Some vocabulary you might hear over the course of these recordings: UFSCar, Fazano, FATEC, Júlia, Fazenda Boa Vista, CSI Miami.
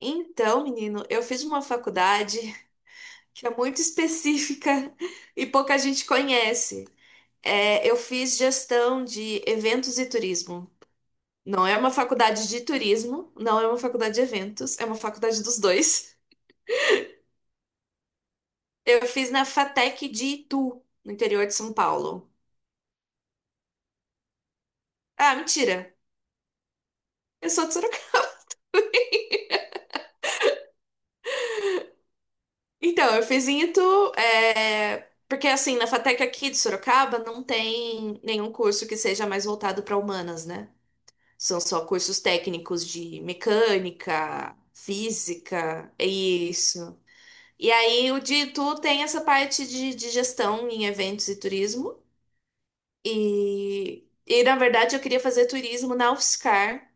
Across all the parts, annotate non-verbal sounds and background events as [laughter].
Então, menino, eu fiz uma faculdade [laughs] que é muito específica [laughs] e pouca gente conhece. É, eu fiz gestão de eventos e turismo. Não é uma faculdade de turismo, não é uma faculdade de eventos, é uma faculdade dos dois. [laughs] Eu fiz na FATEC de Itu, no interior de São Paulo. Ah, mentira, eu sou de Sorocaba. [laughs] Então, eu fiz em Itu, porque assim, na FATEC aqui de Sorocaba não tem nenhum curso que seja mais voltado para humanas, né? São só cursos técnicos de mecânica, física, é isso. E aí o de tu tem essa parte de gestão em eventos e turismo. E na verdade eu queria fazer turismo na UFSCar.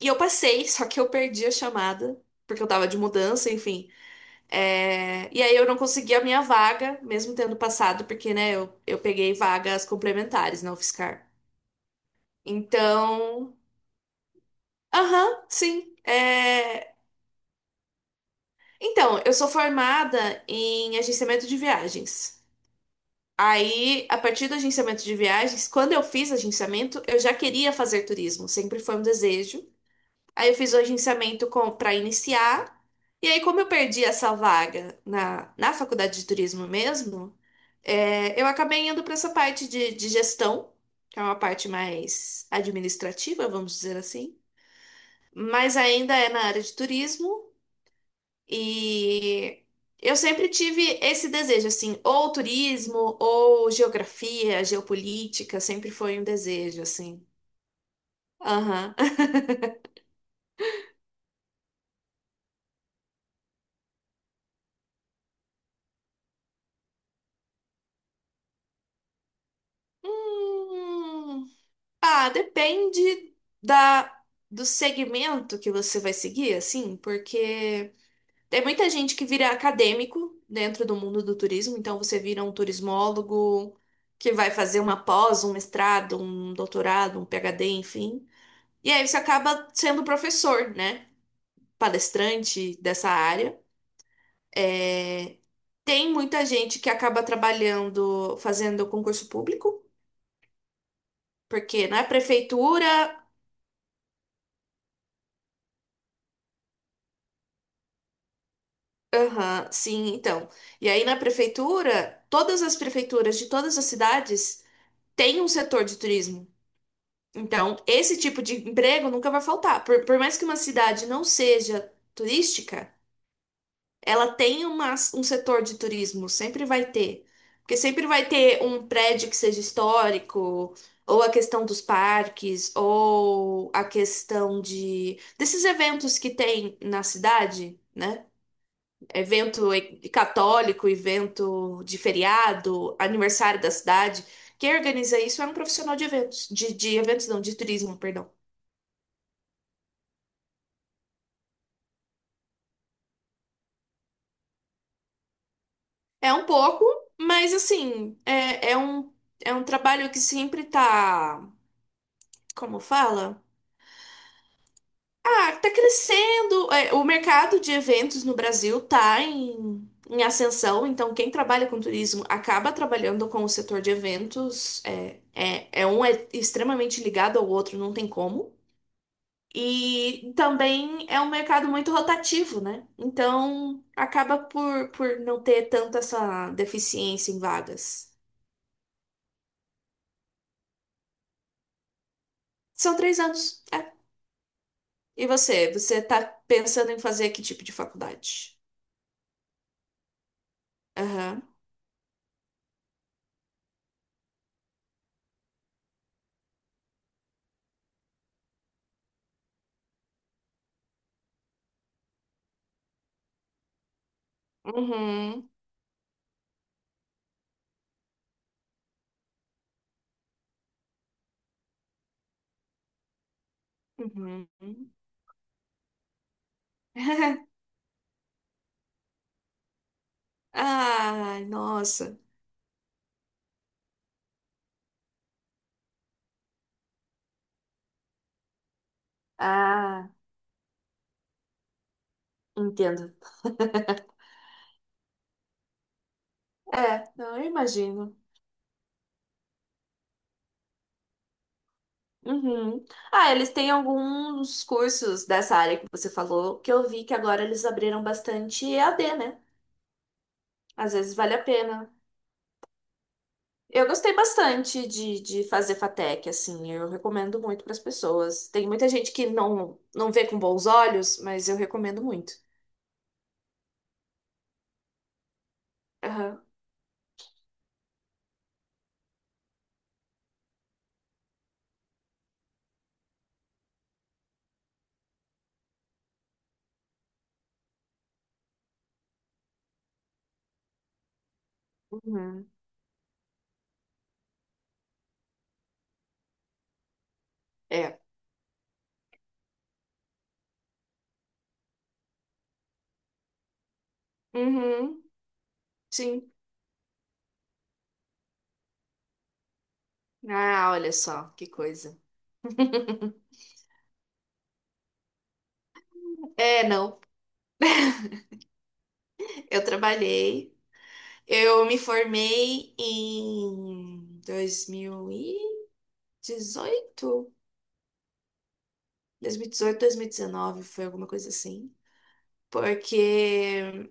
E eu passei, [laughs] só que eu perdi a chamada, porque eu tava de mudança, enfim. É, e aí eu não consegui a minha vaga, mesmo tendo passado, porque, né, eu peguei vagas complementares na UFSCar. Então, aham, sim. É, então, eu sou formada em agenciamento de viagens. Aí, a partir do agenciamento de viagens, quando eu fiz agenciamento, eu já queria fazer turismo, sempre foi um desejo. Aí eu fiz o agenciamento com para iniciar. E aí, como eu perdi essa vaga na, na faculdade de turismo mesmo, é, eu acabei indo para essa parte de gestão, que é uma parte mais administrativa, vamos dizer assim. Mas ainda é na área de turismo. E eu sempre tive esse desejo, assim, ou turismo, ou geografia, geopolítica, sempre foi um desejo, assim. Aham. [laughs] Hum, ah, depende da, do segmento que você vai seguir, assim, porque tem muita gente que vira acadêmico dentro do mundo do turismo, então você vira um turismólogo que vai fazer uma pós, um mestrado, um doutorado, um PhD, enfim. E aí você acaba sendo professor, né? Palestrante dessa área. É, tem muita gente que acaba trabalhando, fazendo concurso público, porque na prefeitura. Aham, sim, então. E aí na prefeitura, todas as prefeituras de todas as cidades têm um setor de turismo. Então, esse tipo de emprego nunca vai faltar. Por mais que uma cidade não seja turística, ela tem uma, um setor de turismo, sempre vai ter. Porque sempre vai ter um prédio que seja histórico, ou a questão dos parques, ou a questão de desses eventos que tem na cidade, né? Evento e- católico, evento de feriado, aniversário da cidade. Quem organiza isso é um profissional de eventos, de eventos não, de turismo, perdão. É um pouco, mas assim, é, é um trabalho que sempre tá. Como fala? Ah, tá crescendo. É, o mercado de eventos no Brasil tá em, em ascensão, então quem trabalha com turismo acaba trabalhando com o setor de eventos. É, é, é um é extremamente ligado ao outro, não tem como. E também é um mercado muito rotativo, né? Então acaba por não ter tanta essa deficiência em vagas. São 3 anos. É. E você? Você tá pensando em fazer que tipo de faculdade? Aham. Uhum. Uhum. [laughs] Ai, nossa. Ah, entendo. É, não, eu imagino. Uhum. Ah, eles têm alguns cursos dessa área que você falou, que eu vi que agora eles abriram bastante EAD, né? Às vezes vale a pena. Eu gostei bastante de fazer FATEC, assim, eu recomendo muito para as pessoas. Tem muita gente que não, não vê com bons olhos, mas eu recomendo muito. Aham. Uhum. É. Uhum. Sim. Ah, olha só, que coisa. É, não. Eu trabalhei. Eu me formei em 2018? 2018, 2019, foi alguma coisa assim. Porque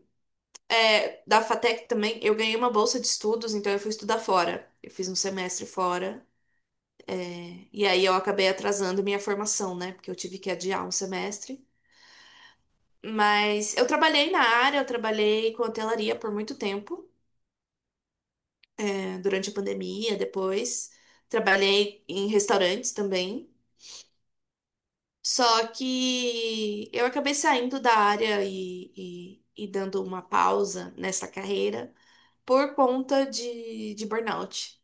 é, da FATEC também eu ganhei uma bolsa de estudos, então eu fui estudar fora. Eu fiz um semestre fora. E aí eu acabei atrasando minha formação, né? Porque eu tive que adiar um semestre. Mas eu trabalhei na área, eu trabalhei com hotelaria por muito tempo. Durante a pandemia, depois. Trabalhei em restaurantes também. Só que eu acabei saindo da área e dando uma pausa nessa carreira por conta de burnout.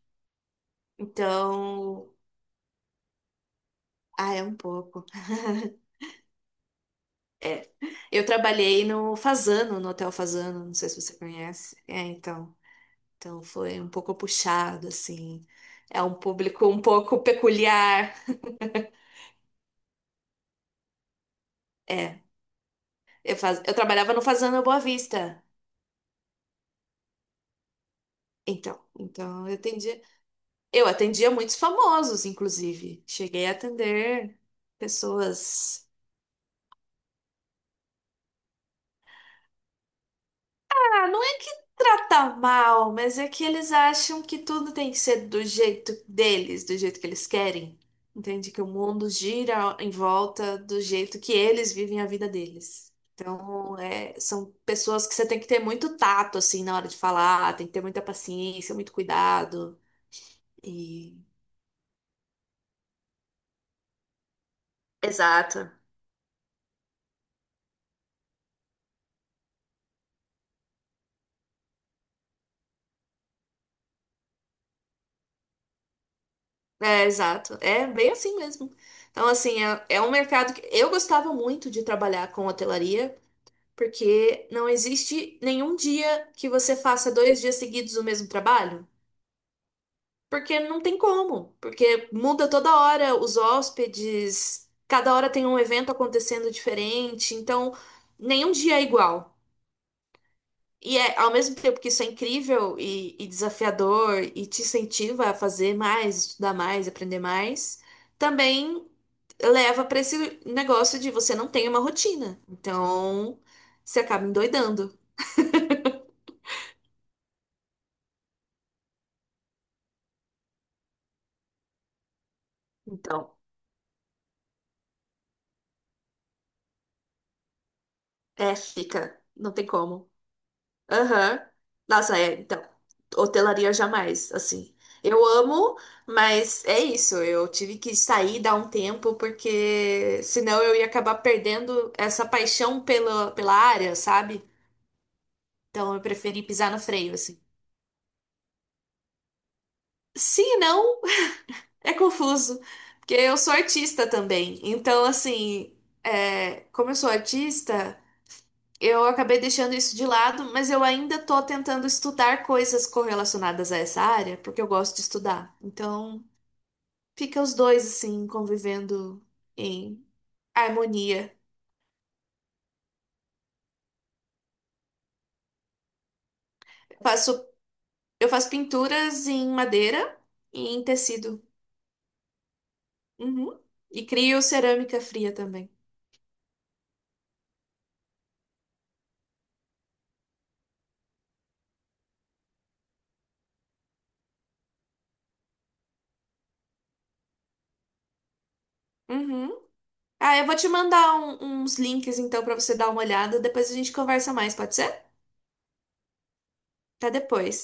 Então, ah, é um pouco. [laughs] É. Eu trabalhei no Fazano, no Hotel Fazano, não sei se você conhece. É, então. Então foi um pouco puxado, assim. É um público um pouco peculiar. É, eu, faz... eu trabalhava no Fazenda Boa Vista. Então, então eu atendia. Eu atendia muitos famosos, inclusive. Cheguei a atender pessoas. Ah, não é que trata mal, mas é que eles acham que tudo tem que ser do jeito deles, do jeito que eles querem. Entende? Que o mundo gira em volta do jeito que eles vivem a vida deles. Então, é, são pessoas que você tem que ter muito tato, assim, na hora de falar, tem que ter muita paciência, muito cuidado. E exato. É, exato. É bem assim mesmo. Então, assim, é, é um mercado que eu gostava muito de trabalhar com hotelaria, porque não existe nenhum dia que você faça dois dias seguidos o mesmo trabalho, porque não tem como, porque muda toda hora os hóspedes, cada hora tem um evento acontecendo diferente, então nenhum dia é igual. E é, ao mesmo tempo que isso é incrível e desafiador e te incentiva a fazer mais, estudar mais, aprender mais, também leva para esse negócio de você não tem uma rotina. Então, você acaba endoidando. Então, é, fica, não tem como. Aham. Nossa, é, então, hotelaria jamais, assim. Eu amo, mas é isso, eu tive que sair, dar um tempo, porque senão eu ia acabar perdendo essa paixão pela, pela área, sabe? Então eu preferi pisar no freio, assim. Se não, [laughs] é confuso, porque eu sou artista também. Então, assim, é, como eu sou artista. Eu acabei deixando isso de lado, mas eu ainda estou tentando estudar coisas correlacionadas a essa área, porque eu gosto de estudar. Então, fica os dois assim convivendo em harmonia. Eu faço, eu faço pinturas em madeira e em tecido. Uhum. E crio cerâmica fria também. Uhum. Ah, eu vou te mandar uns links então para você dar uma olhada. Depois a gente conversa mais, pode ser? Até depois.